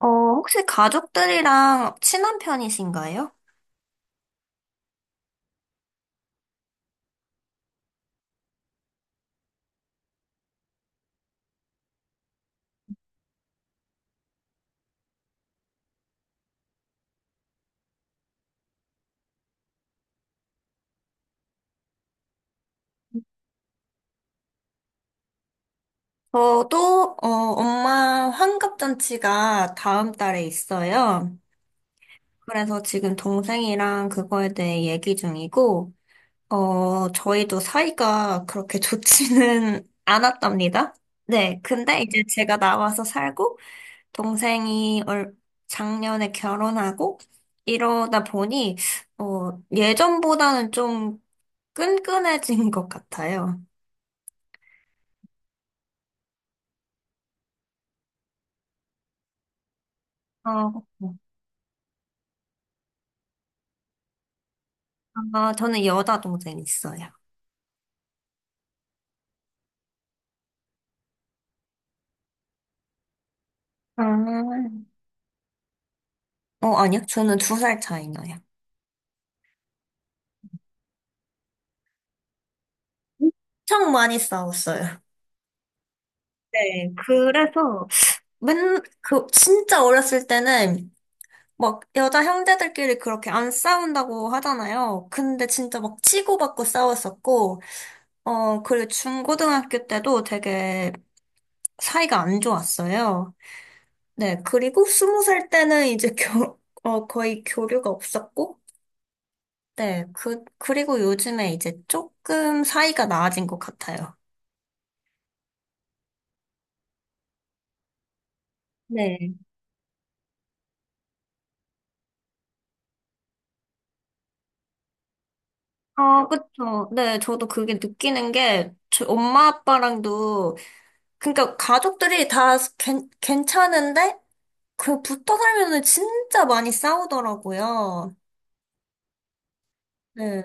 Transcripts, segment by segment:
혹시 가족들이랑 친한 편이신가요? 저도, 엄마 환갑잔치가 다음 달에 있어요. 그래서 지금 동생이랑 그거에 대해 얘기 중이고, 저희도 사이가 그렇게 좋지는 않았답니다. 네, 근데 이제 제가 나와서 살고, 동생이 작년에 결혼하고, 이러다 보니, 예전보다는 좀 끈끈해진 것 같아요. 어, 저는 여자 동생 있어요. 아, 아니요. 저는 2살 차이 나요. 엄청 많이 싸웠어요. 네, 그래서 진짜 어렸을 때는 막 여자 형제들끼리 그렇게 안 싸운다고 하잖아요. 근데 진짜 막 치고받고 싸웠었고, 그리고 중고등학교 때도 되게 사이가 안 좋았어요. 네, 그리고 20살 때는 이제 거의 교류가 없었고, 네, 그리고 요즘에 이제 조금 사이가 나아진 것 같아요. 네. 아, 그쵸. 네, 저도 그게 느끼는 게, 저 엄마 아빠랑도, 그러니까 가족들이 다 괜찮은데, 그 붙어 살면은 진짜 많이 싸우더라고요. 네.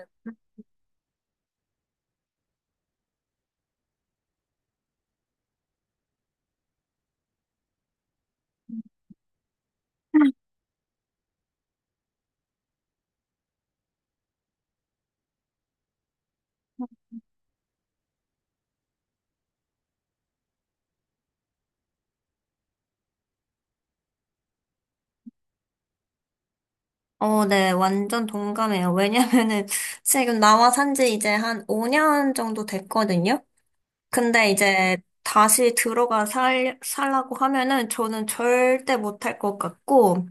네, 완전 동감해요. 왜냐면은 지금 나와 산지 이제 한 5년 정도 됐거든요. 근데 이제 다시 들어가 살라고 하면은 저는 절대 못할 것 같고,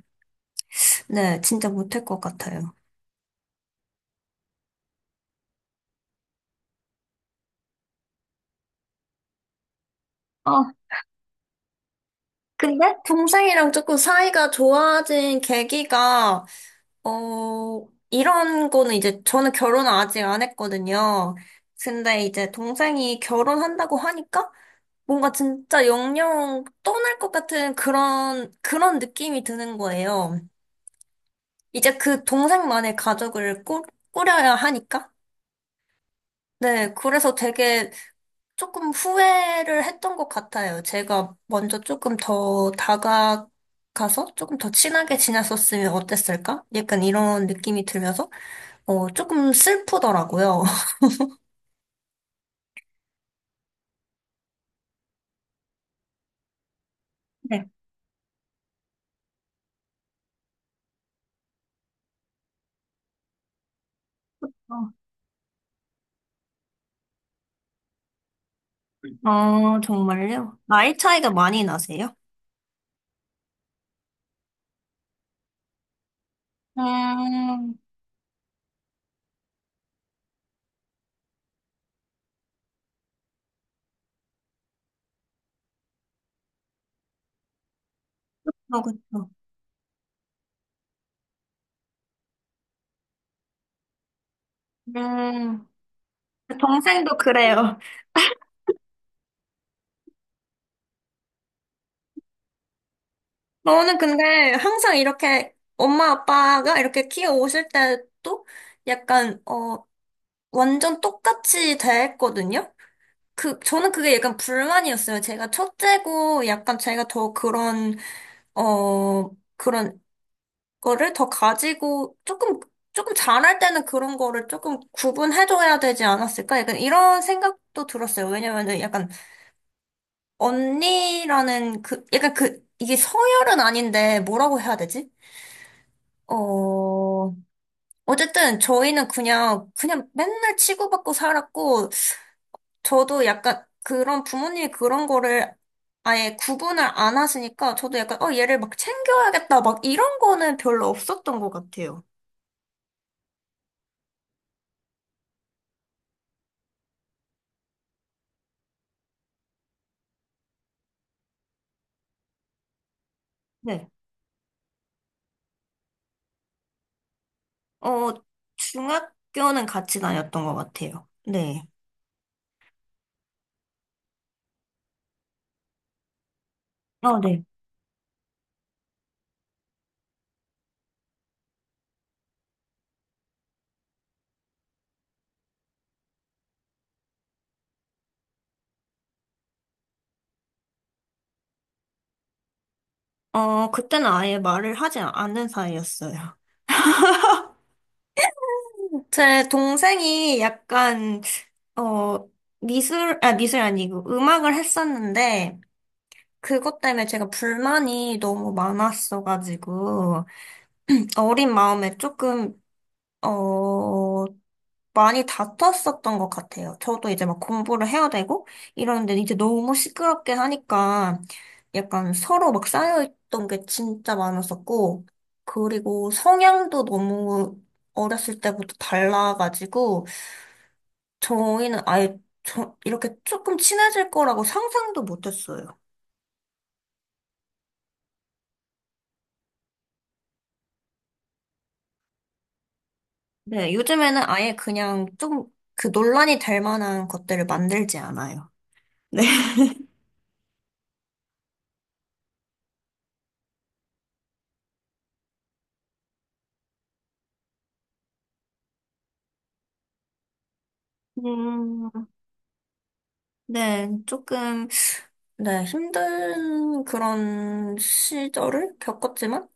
네, 진짜 못할 것 같아요. 어, 근데 동생이랑 조금 사이가 좋아진 계기가, 이런 거는 이제 저는 결혼을 아직 안 했거든요. 근데 이제 동생이 결혼한다고 하니까 뭔가 진짜 영영 떠날 것 같은 그런 느낌이 드는 거예요. 이제 그 동생만의 가족을 꾸려야 하니까. 네, 그래서 되게 조금 후회를 했던 것 같아요. 제가 먼저 조금 더 다가가서 조금 더 친하게 지냈었으면 어땠을까? 약간 이런 느낌이 들면서, 조금 슬프더라고요. 네. 어, 정말요? 나이 차이가 많이 나세요? 음, 그쵸. 음, 동생도 그래요. 저는 근데 항상 이렇게 엄마 아빠가 이렇게 키워 오실 때도 약간, 완전 똑같이 대했거든요. 저는 그게 약간 불만이었어요. 제가 첫째고 약간 제가 더 어, 그런 거를 더 가지고 조금 잘할 때는 그런 거를 조금 구분해줘야 되지 않았을까? 약간 이런 생각도 들었어요. 왜냐면은 약간 언니라는 약간 이게 서열은 아닌데 뭐라고 해야 되지? 어, 어쨌든 저희는 그냥 맨날 치고받고 살았고, 저도 약간 그런 부모님이 그런 거를 아예 구분을 안 하시니까 저도 약간 얘를 막 챙겨야겠다 막 이런 거는 별로 없었던 것 같아요. 네. 어 중학교는 같이 다녔던 것 같아요. 네. 네. 그때는 아예 말을 하지 않는 사이였어요. 제 동생이 약간 어 미술 아니고 음악을 했었는데 그것 때문에 제가 불만이 너무 많았어가지고 어린 마음에 조금, 어, 많이 다퉜었던 것 같아요. 저도 이제 막 공부를 해야 되고 이러는데 이제 너무 시끄럽게 하니까 약간 서로 막 쌓여있던 게 진짜 많았었고, 그리고 성향도 너무 어렸을 때부터 달라가지고, 저희는 아예 이렇게 조금 친해질 거라고 상상도 못했어요. 네, 요즘에는 아예 그냥 좀 그 논란이 될 만한 것들을 만들지 않아요. 네. 음, 네, 조금, 네, 힘든 그런 시절을 겪었지만,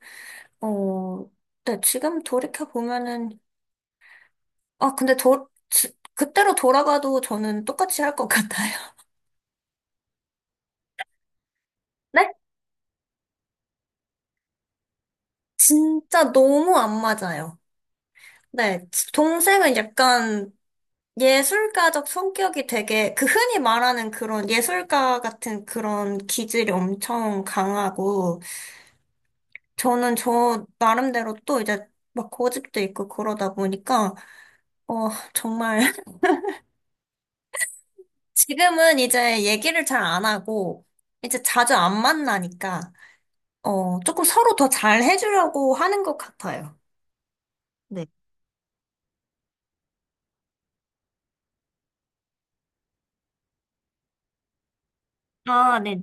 어, 네, 지금 돌이켜보면은, 근데 그때로 돌아가도 저는 똑같이 할 것 같아요. 네? 진짜 너무 안 맞아요. 네, 동생은 약간 예술가적 성격이 되게, 그 흔히 말하는 그런 예술가 같은 그런 기질이 엄청 강하고, 저는 저 나름대로 또 이제 막 고집도 있고 그러다 보니까, 어, 정말. 지금은 이제 얘기를 잘 안 하고, 이제 자주 안 만나니까, 조금 서로 더 잘 해주려고 하는 것 같아요. 네. 아, 네.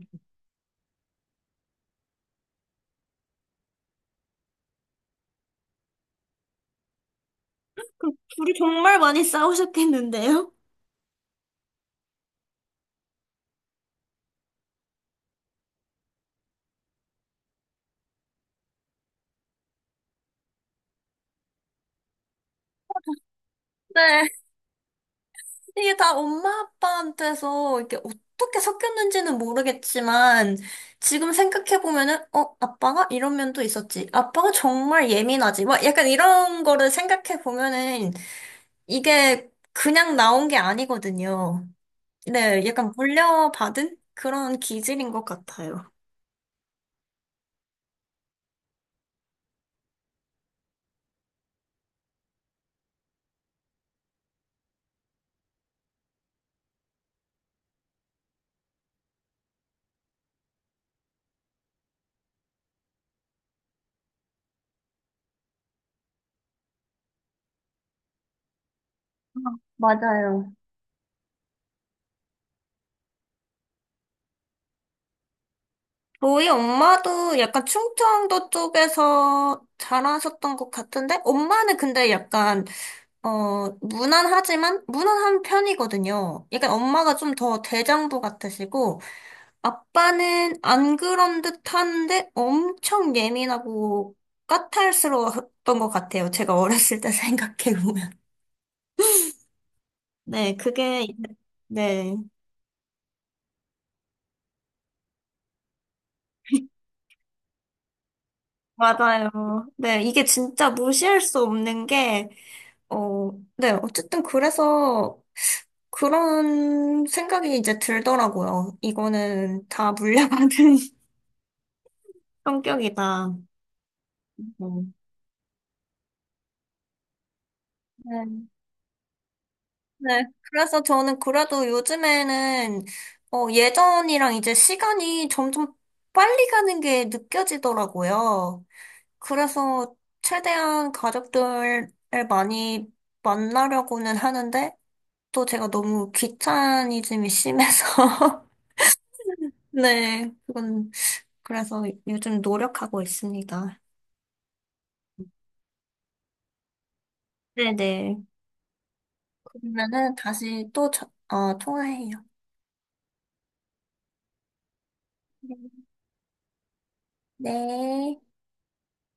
둘이 정말 많이 싸우셨겠는데요? 네. 이게 다 엄마 아빠한테서 이게 어떻게 섞였는지는 모르겠지만 지금 생각해 보면은 아빠가 이런 면도 있었지 아빠가 정말 예민하지 막 약간 이런 거를 생각해 보면은 이게 그냥 나온 게 아니거든요. 네, 약간 물려받은 그런 기질인 것 같아요. 맞아요. 저희 엄마도 약간 충청도 쪽에서 자라셨던 것 같은데 엄마는 근데 약간 무난하지만, 무난한 편이거든요. 약간 엄마가 좀 더 대장부 같으시고, 아빠는 안 그런 듯한데 엄청 예민하고 까탈스러웠던 것 같아요. 제가 어렸을 때 생각해보면. 네, 그게, 네, 맞아요. 네, 이게 진짜 무시할 수 없는 게, 어, 네, 어쨌든 그래서 그런 생각이 이제 들더라고요. 이거는 다 물려받은 성격이다. 어. 네. 네. 그래서 저는 그래도 요즘에는 예전이랑 이제 시간이 점점 빨리 가는 게 느껴지더라고요. 그래서 최대한 가족들을 많이 만나려고는 하는데 또 제가 너무 귀차니즘이 심해서 네, 그건 그래서 요즘 노력하고 있습니다. 네네. 그러면은 다시 또 통화해요. 네.